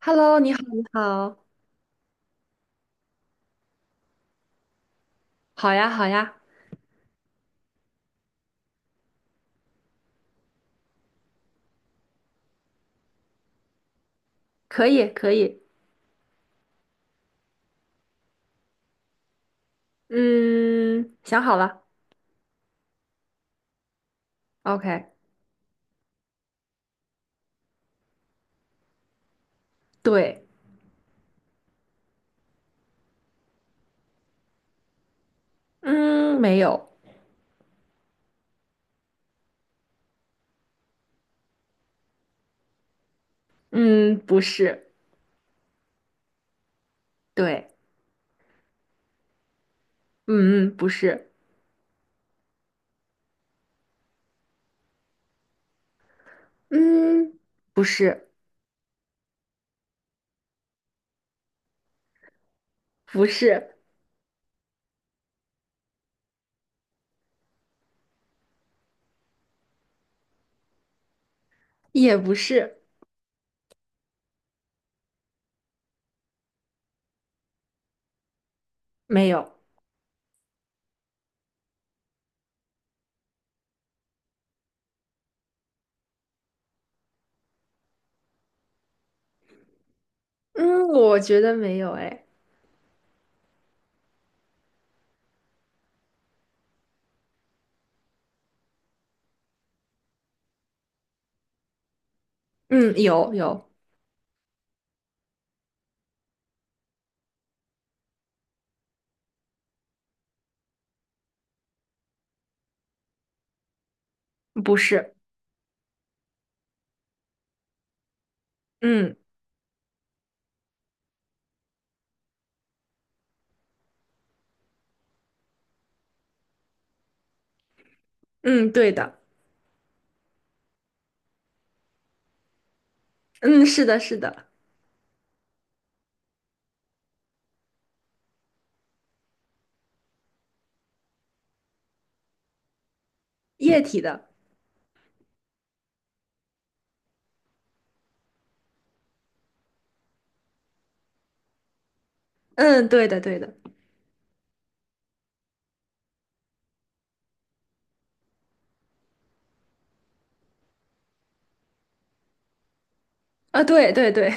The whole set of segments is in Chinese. Hello，你好，你好。好呀，好呀。可以，可以。嗯，想好了。OK。对。嗯，没有。嗯，不是。对。嗯嗯，不是。嗯，不是。不是。也不是。没有。嗯，我觉得没有，哎。嗯，有，有。不是。嗯。嗯，对的。嗯，是的，是的。液体的。嗯，对的，对的。啊，对，对，对。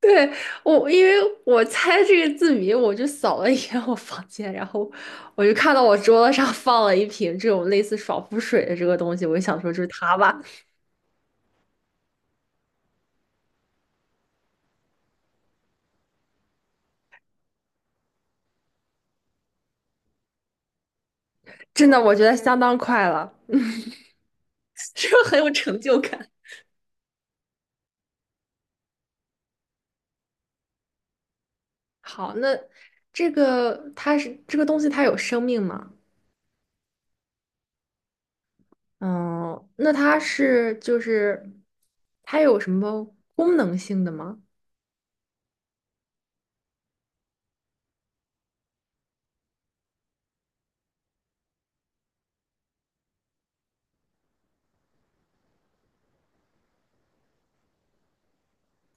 对，我，因为我猜这个字谜，我就扫了一眼我房间，然后我就看到我桌子上放了一瓶这种类似爽肤水的这个东西，我就想说就是它吧。真的，我觉得相当快了，这个很有成就感。好，那这个它是这个东西，它有生命吗？嗯，那它是就是它有什么功能性的吗？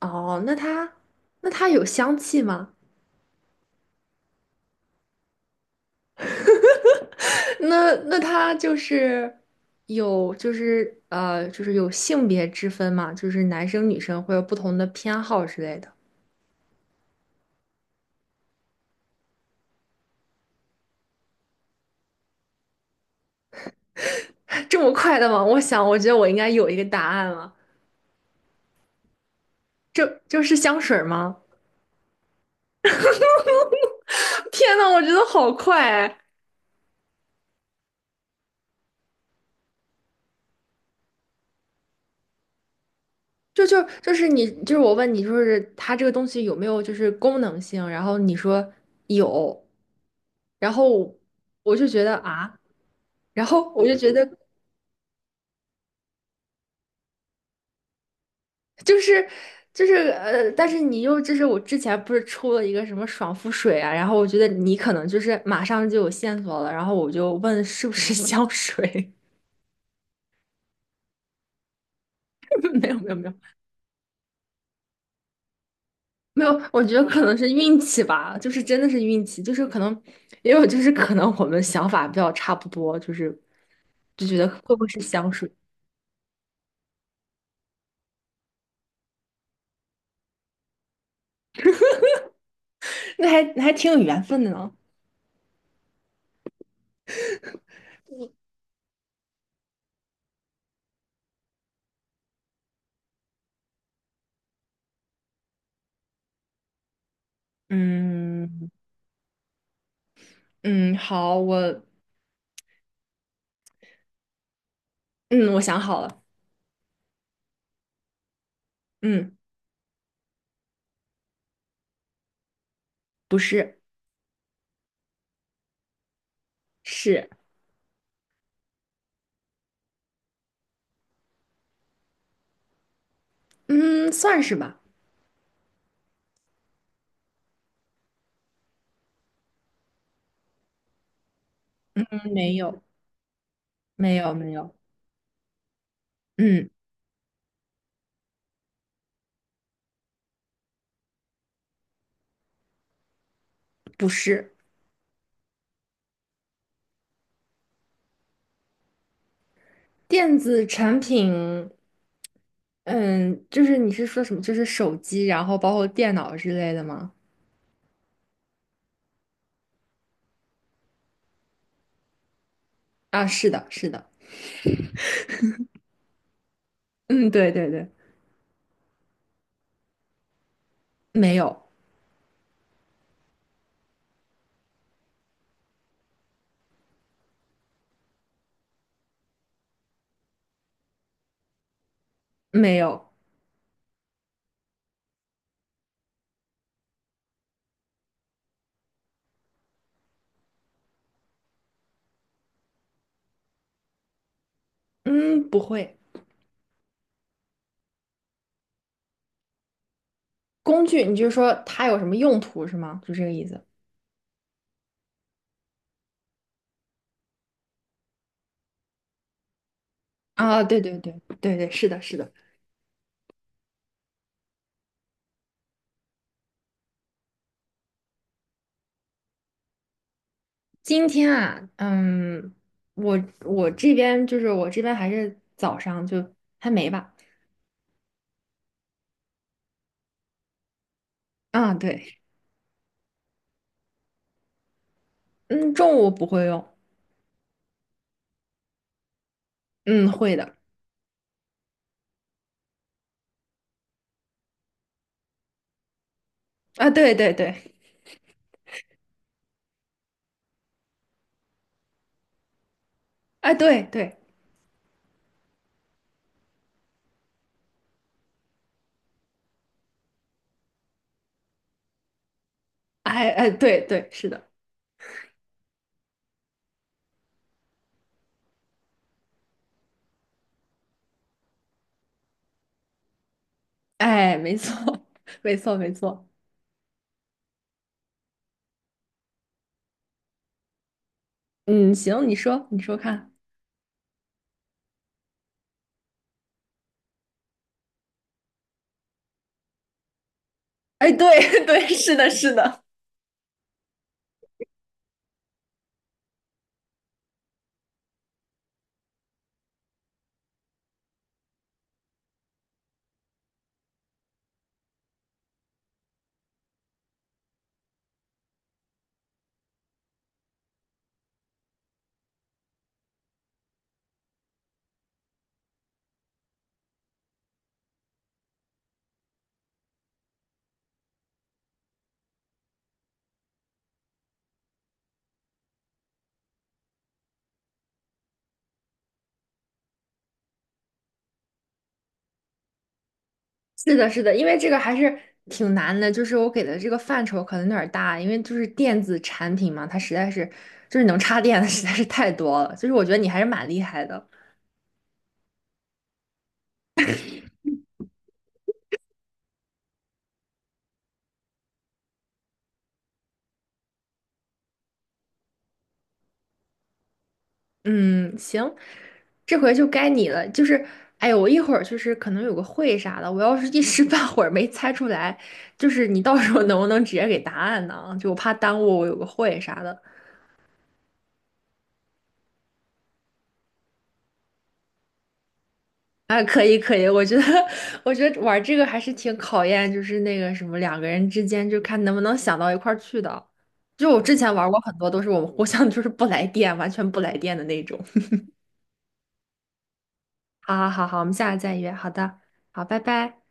哦，那它那它有香气吗？那他就是有就是有性别之分嘛，就是男生女生会有不同的偏好之类的。这么快的吗？我想，我觉得我应该有一个答案了。这就是香水吗？天呐，我觉得好快哎。就是你我问你，就是它这个东西有没有就是功能性？然后你说有，然后我就觉得啊，然后我就觉得就是但是你又就是我之前不是出了一个什么爽肤水啊，然后我觉得你可能就是马上就有线索了，然后我就问是不是香水。没有，没有，没有，没有，我觉得可能是运气吧，就是真的是运气，就是可能也有就是可能我们想法比较差不多，就是就觉得会不会是香水？那还挺有缘分的呢。嗯。嗯，好，我嗯我想好了。嗯，不是。是。嗯算是吧。没有，没有，没有。嗯，不是电子产品。嗯，就是你是说什么？就是手机，然后包括电脑之类的吗？啊，是的，是的。嗯，对对对。没有。没有。嗯，不会。工具，你就是说它有什么用途是吗？就这个意思。啊，对对对对对，是的，是的。今天啊，嗯，我这边还是早上就还没吧。啊，对。嗯，中午不会用。嗯，会的。啊，对对对。哎，对对。哎哎，对对，是的。哎，没错。没错，没错。嗯，行，你说，你说看。哎，对 对，是的，是的。是的，是的，因为这个还是挺难的，就是我给的这个范畴可能有点儿大，因为就是电子产品嘛，它实在是就是能插电的实在是太多了，就是我觉得你还是蛮厉害的。嗯，行，这回就该你了。就是，哎呦，我一会儿就是可能有个会啥的，我要是一时半会儿没猜出来，就是你到时候能不能直接给答案呢？就我怕耽误我有个会啥的。啊，可以可以，我觉得 我觉得玩这个还是挺考验，就是那个什么两个人之间，就看能不能想到一块儿去的。就我之前玩过很多，都是我们互相就是不来电，完全不来电的那种。好好好好，我们下次再约。好的，好，拜拜。